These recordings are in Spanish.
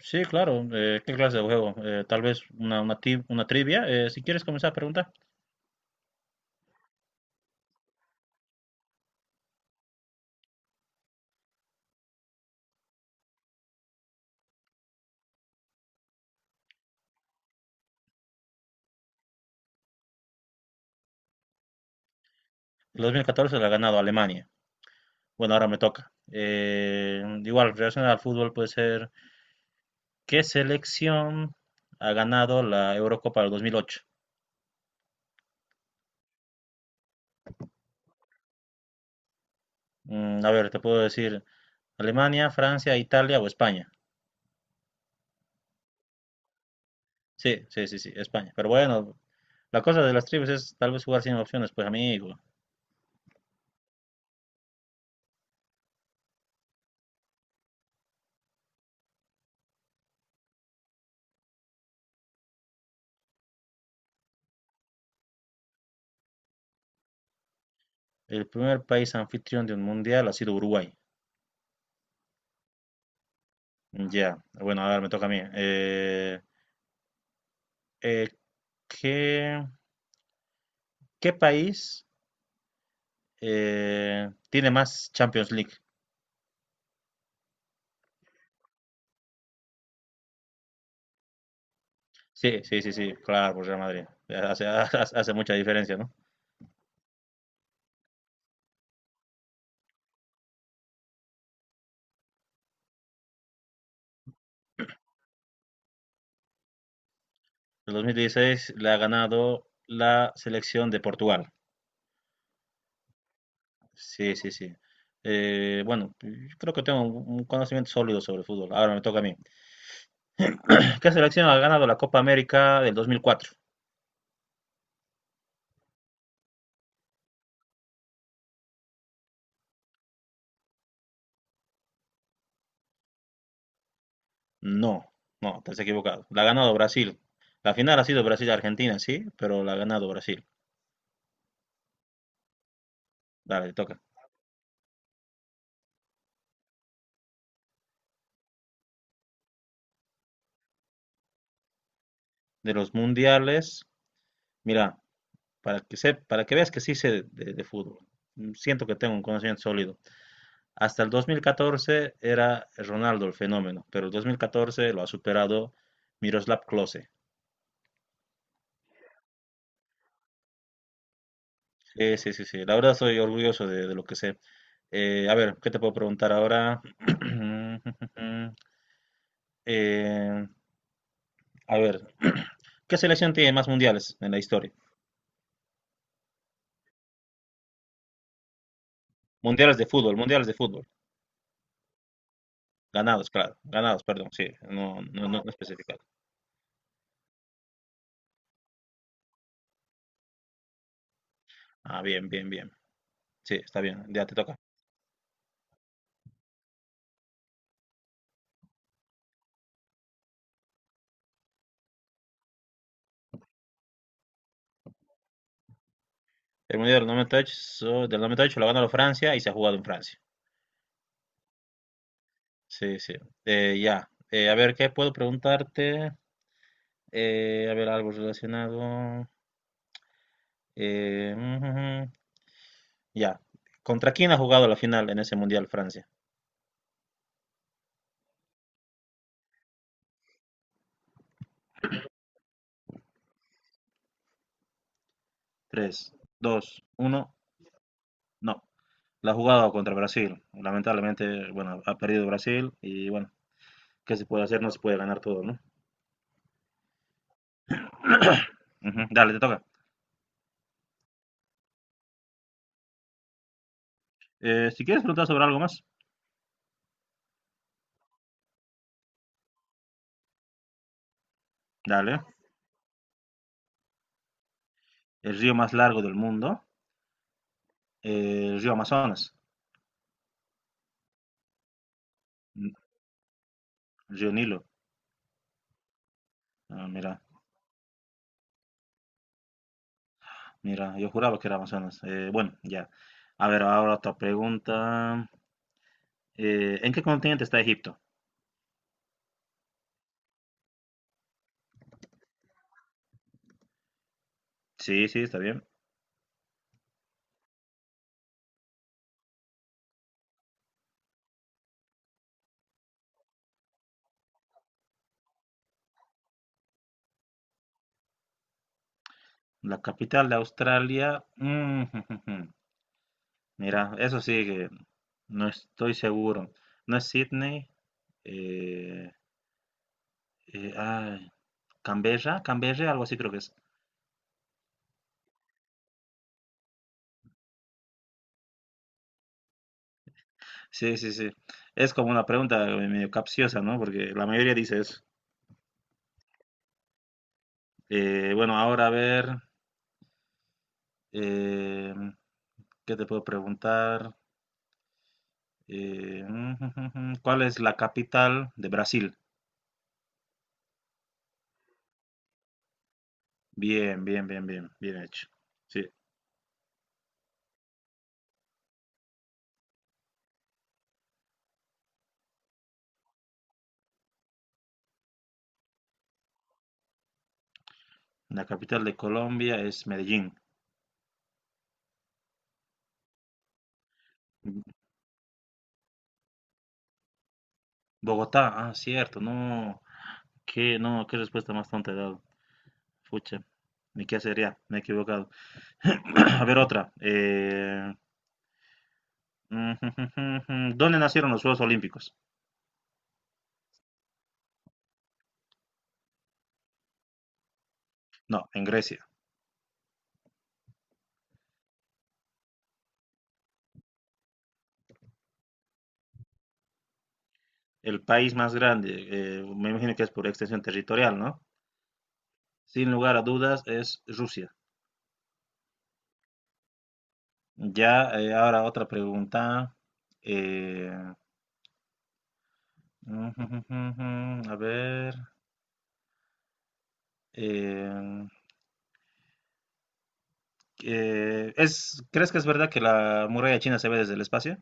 Sí, claro. ¿Qué clase de juego? Tal vez una trivia. Si quieres comenzar a preguntar. El 2014 la ha ganado Alemania. Bueno, ahora me toca. Igual, relacionado al fútbol puede ser, ¿qué selección ha ganado la Eurocopa del 2008? Mm, a ver, te puedo decir Alemania, Francia, Italia o España. Sí, sí, sí, sí, España. Pero bueno, la cosa de las trivias es tal vez jugar sin opciones, pues amigo. El primer país anfitrión de un mundial ha sido Uruguay. Ya, bueno, a ver, me toca a mí. Eh, ¿qué, ¿Qué país tiene más Champions League? Sí, sí, sí, sí, claro, por Real Madrid. Hace, hace mucha diferencia, ¿no? El 2016 la ha ganado la selección de Portugal. Sí, sí, sí. Bueno, yo creo que tengo un conocimiento sólido sobre el fútbol. Ahora me toca a mí. ¿Qué selección ha ganado la Copa América del 2004? No, no, te has equivocado. La ha ganado Brasil. La final ha sido Brasil-Argentina, sí, pero la ha ganado Brasil. Dale, te toca. De los mundiales. Mira, para que veas que sí sé de fútbol. Siento que tengo un conocimiento sólido. Hasta el 2014 era Ronaldo el fenómeno, pero el 2014 lo ha superado Miroslav Klose. Sí, sí, sí, sí. La verdad soy orgulloso de lo que sé. A ver, ¿qué te puedo preguntar ahora? Eh, a ver, ¿qué selección tiene más mundiales en la historia? Mundiales de fútbol, mundiales de fútbol. Ganados, claro. Ganados, perdón, sí. No, no, no, no especificado. Ah, bien, bien, bien. Sí, está bien. Ya te toca. El Mundial del del 98 lo ganó Francia y se ha jugado en Francia. Sí, sí. Ya. A ver, ¿qué puedo preguntarte? A ver, algo relacionado. Eh, mm, mm, ya. ¿Contra quién ha jugado la final en ese Mundial Francia? Tres dos uno. No. La ha jugado contra Brasil. Lamentablemente, bueno, ha perdido Brasil y bueno, ¿qué se puede hacer? No se puede ganar todo, ¿no? Ujú. Dale, te toca. Si quieres preguntar sobre algo más, dale. El río más largo del mundo, el río Amazonas, el río Nilo. Ah, mira, mira, yo juraba que era Amazonas. Bueno, ya. A ver, ahora otra pregunta. ¿En qué continente está Egipto? Sí, sí, está bien. La capital de Australia. Mm, mira, eso sí que no estoy seguro. No es Sydney. eh, eh, ay, Canberra, Canberra, algo así creo que es. Sí, sí, sí. Es como una pregunta medio capciosa, ¿no? Porque la mayoría dice eso. Bueno, ahora a ver, eh, ¿qué te puedo preguntar? Eh, ¿Cuál es la capital de Brasil? Bien, bien, bien, bien, bien hecho. Sí, la capital de Colombia es Medellín. Bogotá, ah, cierto, no, qué, no, qué respuesta más tonta he dado. Fucha, ni qué sería, me he equivocado. A ver, otra. ¿Dónde nacieron los Juegos Olímpicos? No, en Grecia. El país más grande, me imagino que es por extensión territorial, ¿no? Sin lugar a dudas es Rusia. Ya, ahora otra pregunta. eh, a ver. eh, ¿Crees que es verdad que la muralla china se ve desde el espacio?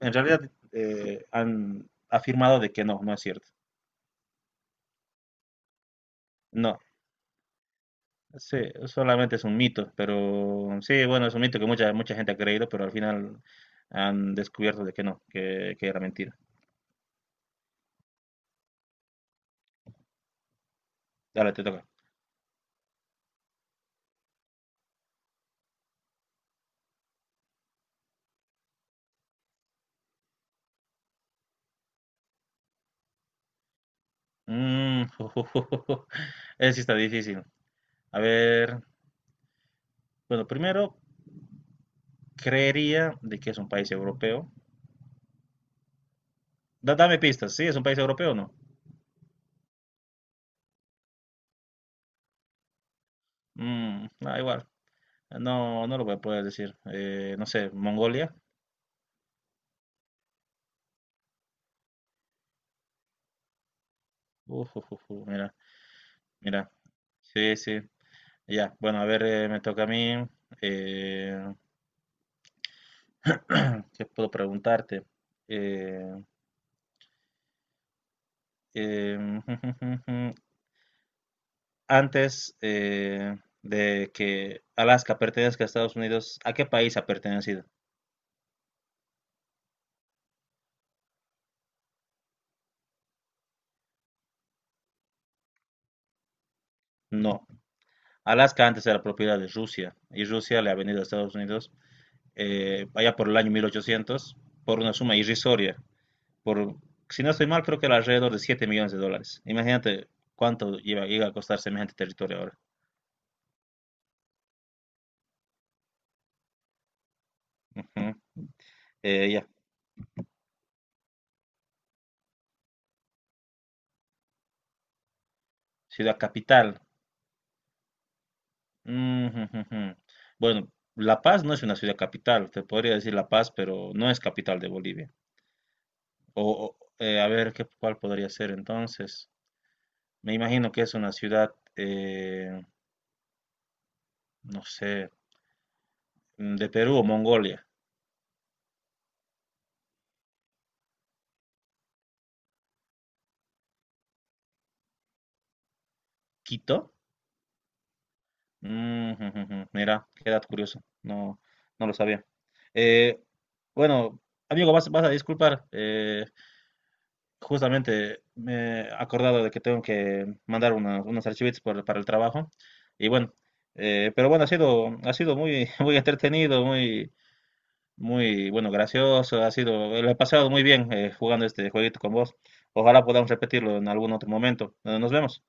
En realidad han afirmado de que no, no es cierto. No, sí, solamente es un mito, pero sí, bueno, es un mito que mucha, mucha gente ha creído, pero al final han descubierto de que no, que era mentira. Dale, te toca. Mm, ese sí está difícil. A ver, bueno, primero creería de que es un país europeo. Dame pistas, ¿sí? ¿Es un país europeo o no? Mm, ah, igual. No, no lo voy a poder decir. No sé, Mongolia. Uf, uf, uf, uf, mira, mira. Sí, sí. Ya, bueno, a ver, me toca a mí. Eh, ¿Qué puedo preguntarte? Eh, em, Antes de que Alaska pertenezca a Estados Unidos, ¿a qué país ha pertenecido? No. Alaska antes era propiedad de Rusia y Rusia le ha venido a Estados Unidos allá por el año 1800 por una suma irrisoria. Por, si no estoy mal, creo que era alrededor de $7 millones. Imagínate cuánto llega a costar semejante territorio ahora. Ujú. Ya. Ciudad capital. Mm, jum, jum, jum. Bueno, La Paz no es una ciudad capital, te podría decir La Paz, pero no es capital de Bolivia. A ver, ¿cuál podría ser entonces? Me imagino que es una ciudad, no sé, de Perú o Mongolia. ¿Quito? Mm, jum, jum, jum. Mira, qué dato curioso, no, no lo sabía. Eh, bueno, amigo, vas a disculpar, justamente me he acordado de que tengo que mandar unos archivitos para el trabajo. Y bueno, pero bueno, ha sido muy, muy entretenido, muy, muy, bueno, gracioso. Lo he pasado muy bien jugando este jueguito con vos. Ojalá podamos repetirlo en algún otro momento. Nos vemos.